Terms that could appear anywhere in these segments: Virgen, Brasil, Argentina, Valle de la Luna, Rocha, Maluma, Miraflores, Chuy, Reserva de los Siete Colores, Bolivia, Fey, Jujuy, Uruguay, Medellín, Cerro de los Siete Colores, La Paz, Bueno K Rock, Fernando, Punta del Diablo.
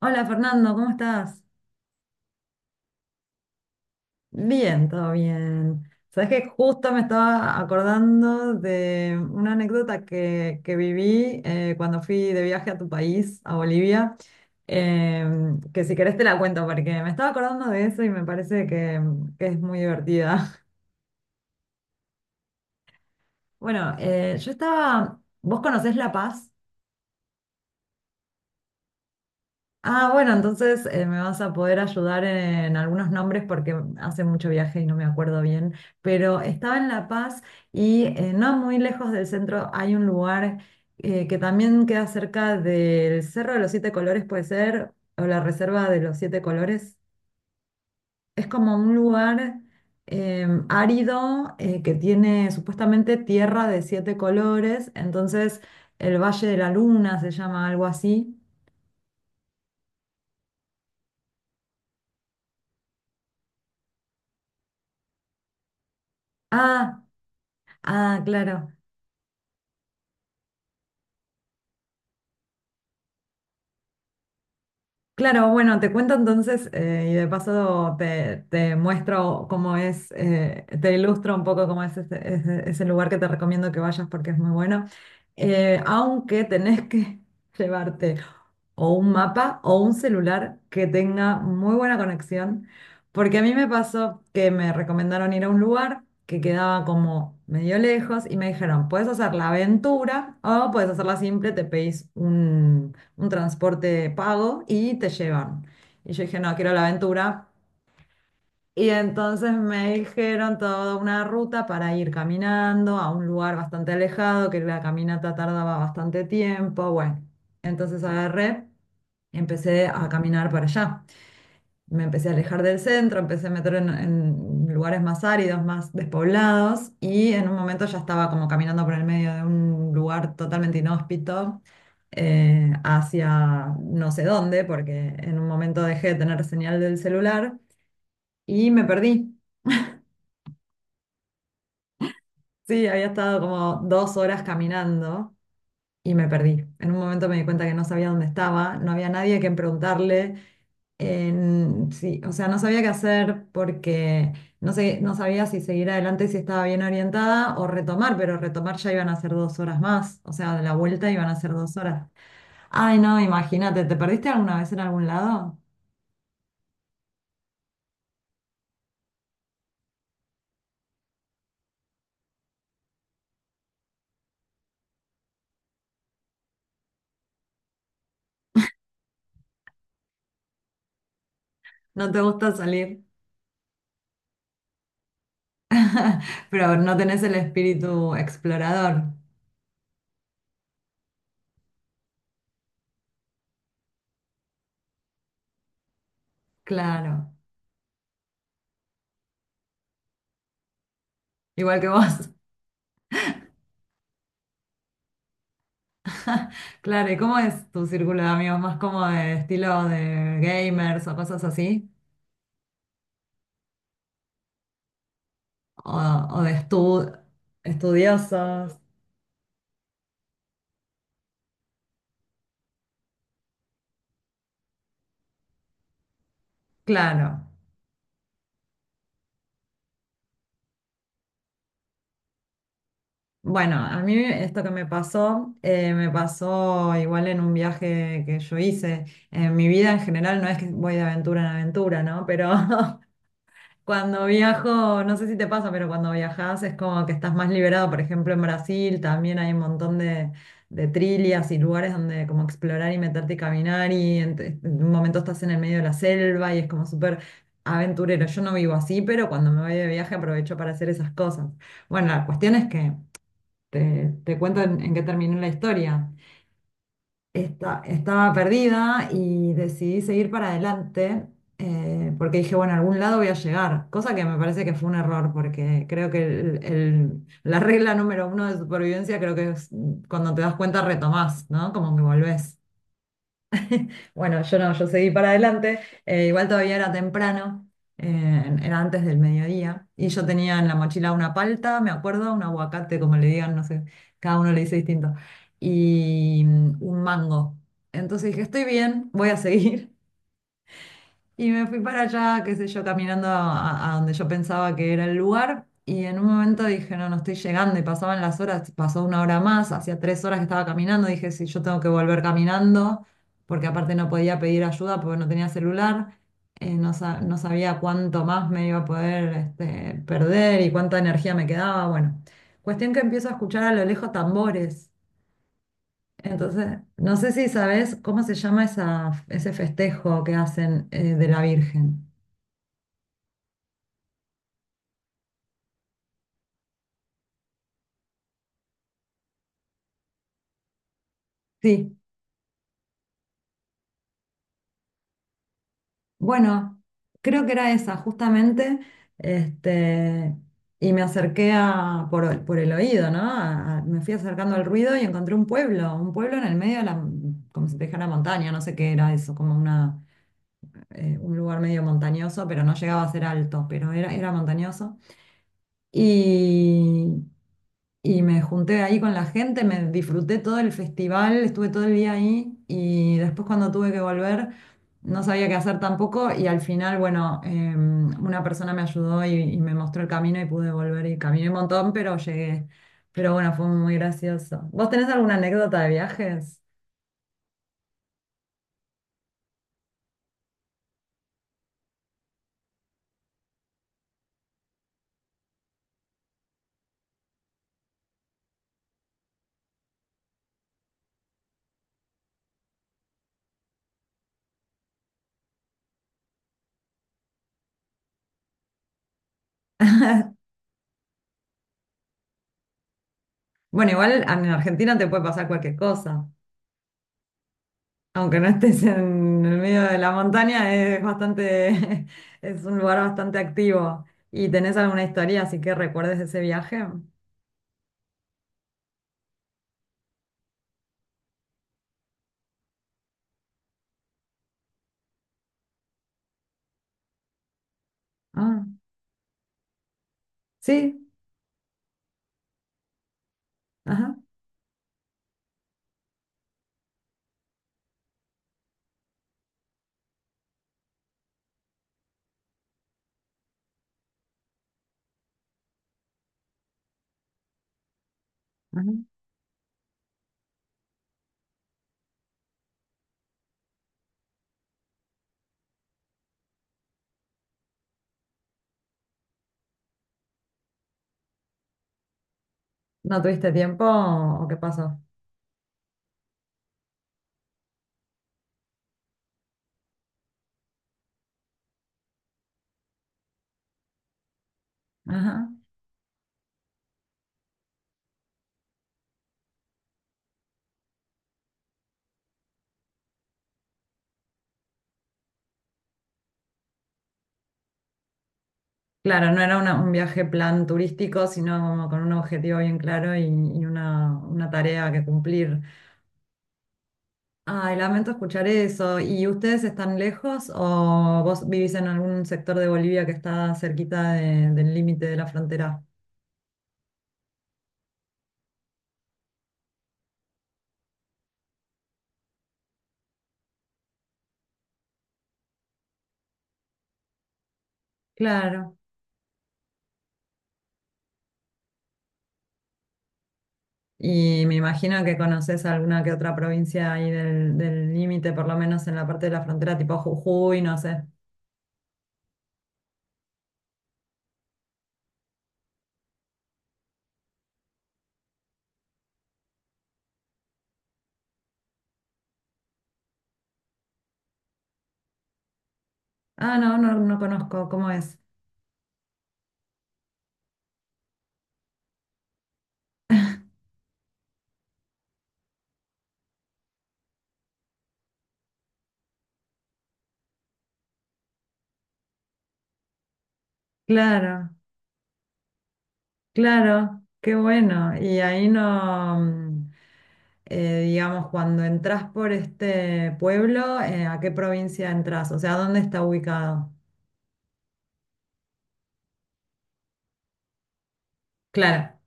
Hola Fernando, ¿cómo estás? Bien, todo bien. Sabes que justo me estaba acordando de una anécdota que viví, cuando fui de viaje a tu país, a Bolivia, que si querés te la cuento porque me estaba acordando de eso y me parece que es muy divertida. Bueno, yo estaba, ¿vos conocés La Paz? Ah, bueno, entonces, me vas a poder ayudar en algunos nombres porque hace mucho viaje y no me acuerdo bien, pero estaba en La Paz y, no muy lejos del centro hay un lugar, que también queda cerca del Cerro de los Siete Colores, puede ser, o la Reserva de los Siete Colores. Es como un lugar árido, que tiene supuestamente tierra de siete colores, entonces el Valle de la Luna se llama algo así. Ah, ah, claro. Claro, bueno, te cuento entonces, y de paso te muestro cómo es, te ilustro un poco cómo es ese lugar que te recomiendo que vayas porque es muy bueno. Aunque tenés que llevarte o un mapa o un celular que tenga muy buena conexión, porque a mí me pasó que me recomendaron ir a un lugar que quedaba como medio lejos y me dijeron, puedes hacer la aventura o puedes hacerla simple, te pedís un transporte pago y te llevan. Y yo dije, no, quiero la aventura. Y entonces me dijeron toda una ruta para ir caminando a un lugar bastante alejado, que la caminata tardaba bastante tiempo. Bueno, entonces agarré, empecé a caminar para allá. Me empecé a alejar del centro, empecé a meter en, lugares más áridos, más despoblados, y en un momento ya estaba como caminando por el medio de un lugar totalmente inhóspito, hacia no sé dónde, porque en un momento dejé de tener señal del celular y me perdí. Sí, había estado como 2 horas caminando y me perdí. En un momento me di cuenta que no sabía dónde estaba, no había nadie a quien preguntarle. Sí, o sea, no sabía qué hacer porque no sé, no sabía si seguir adelante, si estaba bien orientada o retomar, pero retomar ya iban a ser 2 horas más, o sea, de la vuelta iban a ser dos horas. Ay, no, imagínate, ¿te perdiste alguna vez en algún lado? No te gusta salir, pero no tenés el espíritu explorador, claro, igual que vos. Claro, ¿y cómo es tu círculo de amigos? ¿Más como de estilo de gamers o cosas así? ¿O de estudiosos? Claro. Bueno, a mí esto que me pasó igual en un viaje que yo hice. En mi vida en general no es que voy de aventura en aventura, ¿no? Pero cuando viajo, no sé si te pasa, pero cuando viajas es como que estás más liberado. Por ejemplo, en Brasil también hay un montón de, trilhas y lugares donde como explorar y meterte y caminar y en un momento estás en el medio de la selva y es como súper aventurero. Yo no vivo así, pero cuando me voy de viaje aprovecho para hacer esas cosas. Bueno, la cuestión es que te cuento en qué terminó la historia. Estaba perdida y decidí seguir para adelante, porque dije, bueno, a algún lado voy a llegar, cosa que me parece que fue un error porque creo que la regla número uno de supervivencia creo que es, cuando te das cuenta retomás, ¿no? Como que volvés. Bueno, yo no, yo seguí para adelante. Igual todavía era temprano, era antes del mediodía. Y yo tenía en la mochila una palta, me acuerdo, un aguacate, como le digan, no sé, cada uno le dice distinto, y, un mango. Entonces dije, estoy bien, voy a seguir. Y me fui para allá, qué sé yo, caminando a, donde yo pensaba que era el lugar. Y en un momento dije, no, no estoy llegando. Y pasaban las horas, pasó una hora más, hacía 3 horas que estaba caminando. Dije, sí, yo tengo que volver caminando, porque aparte no podía pedir ayuda porque no tenía celular. No, no sabía cuánto más me iba a poder, perder y cuánta energía me quedaba. Bueno, cuestión que empiezo a escuchar a lo lejos tambores. Entonces, no sé si sabes cómo se llama ese festejo que hacen, de la Virgen. Sí, bueno, creo que era esa justamente, este, y me acerqué por el oído, ¿no? Me fui acercando al ruido y encontré un pueblo en el medio de la, como si te dijera montaña, no sé qué era eso, como un lugar medio montañoso, pero no llegaba a ser alto, pero era montañoso. Y me junté ahí con la gente, me disfruté todo el festival, estuve todo el día ahí y después cuando tuve que volver no sabía qué hacer tampoco y al final, bueno, una persona me ayudó y me mostró el camino y pude volver y caminé un montón, pero llegué. Pero bueno, fue muy gracioso. ¿Vos tenés alguna anécdota de viajes? Bueno, igual en Argentina te puede pasar cualquier cosa. Aunque no estés en el medio de la montaña, es bastante, es un lugar bastante activo. ¿Y tenés alguna historia así que recuerdes de ese viaje? Ah, sí, ajá, ajá. ¿No tuviste tiempo o, qué pasó? Ajá. Claro, no era un viaje plan turístico, sino como con un objetivo bien claro y una tarea que cumplir. Ay, lamento escuchar eso. ¿Y ustedes están lejos o vos vivís en algún sector de Bolivia que está cerquita del límite de la frontera? Claro. Y me imagino que conoces alguna que otra provincia ahí del límite, por lo menos en la parte de la frontera, tipo Jujuy, no sé. Ah, no, no, no conozco, ¿cómo es? Claro, claro, qué bueno. Y ahí no, digamos, cuando entras por este pueblo, ¿a qué provincia entras? O sea, ¿dónde está ubicado? Claro,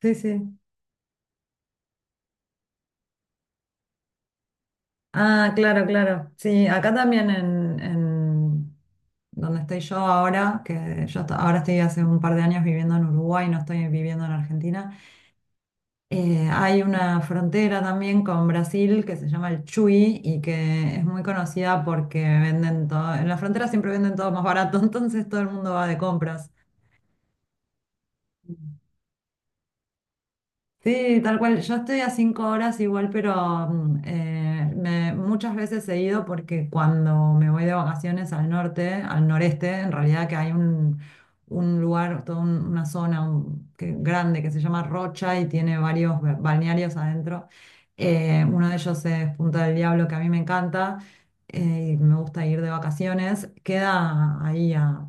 sí, sí. Ah, claro, claro. Sí, acá también en, donde estoy yo ahora, que yo ahora estoy hace un par de años viviendo en Uruguay, no estoy viviendo en Argentina, hay una frontera también con Brasil que se llama el Chuy y que es muy conocida porque venden todo, en la frontera siempre venden todo más barato, entonces todo el mundo va de compras. Sí, tal cual. Yo estoy a 5 horas igual, pero, muchas veces he ido porque cuando me voy de vacaciones al norte, al noreste, en realidad que hay un lugar, toda una zona grande que se llama Rocha y tiene varios balnearios adentro. Uno de ellos es Punta del Diablo, que a mí me encanta, y me gusta ir de vacaciones. Queda ahí a,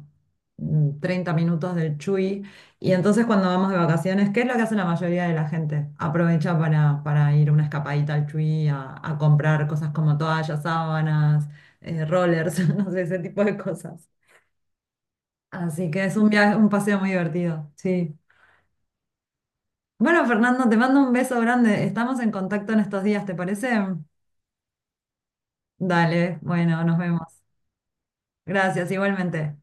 30 minutos del Chuy y entonces cuando vamos de vacaciones, ¿qué es lo que hace la mayoría de la gente? Aprovecha para ir una escapadita al Chuy, a comprar cosas como toallas, sábanas, rollers, no sé, ese tipo de cosas. Así que es un viaje, un paseo muy divertido, sí. Bueno, Fernando, te mando un beso grande. Estamos en contacto en estos días, ¿te parece? Dale, bueno, nos vemos. Gracias, igualmente.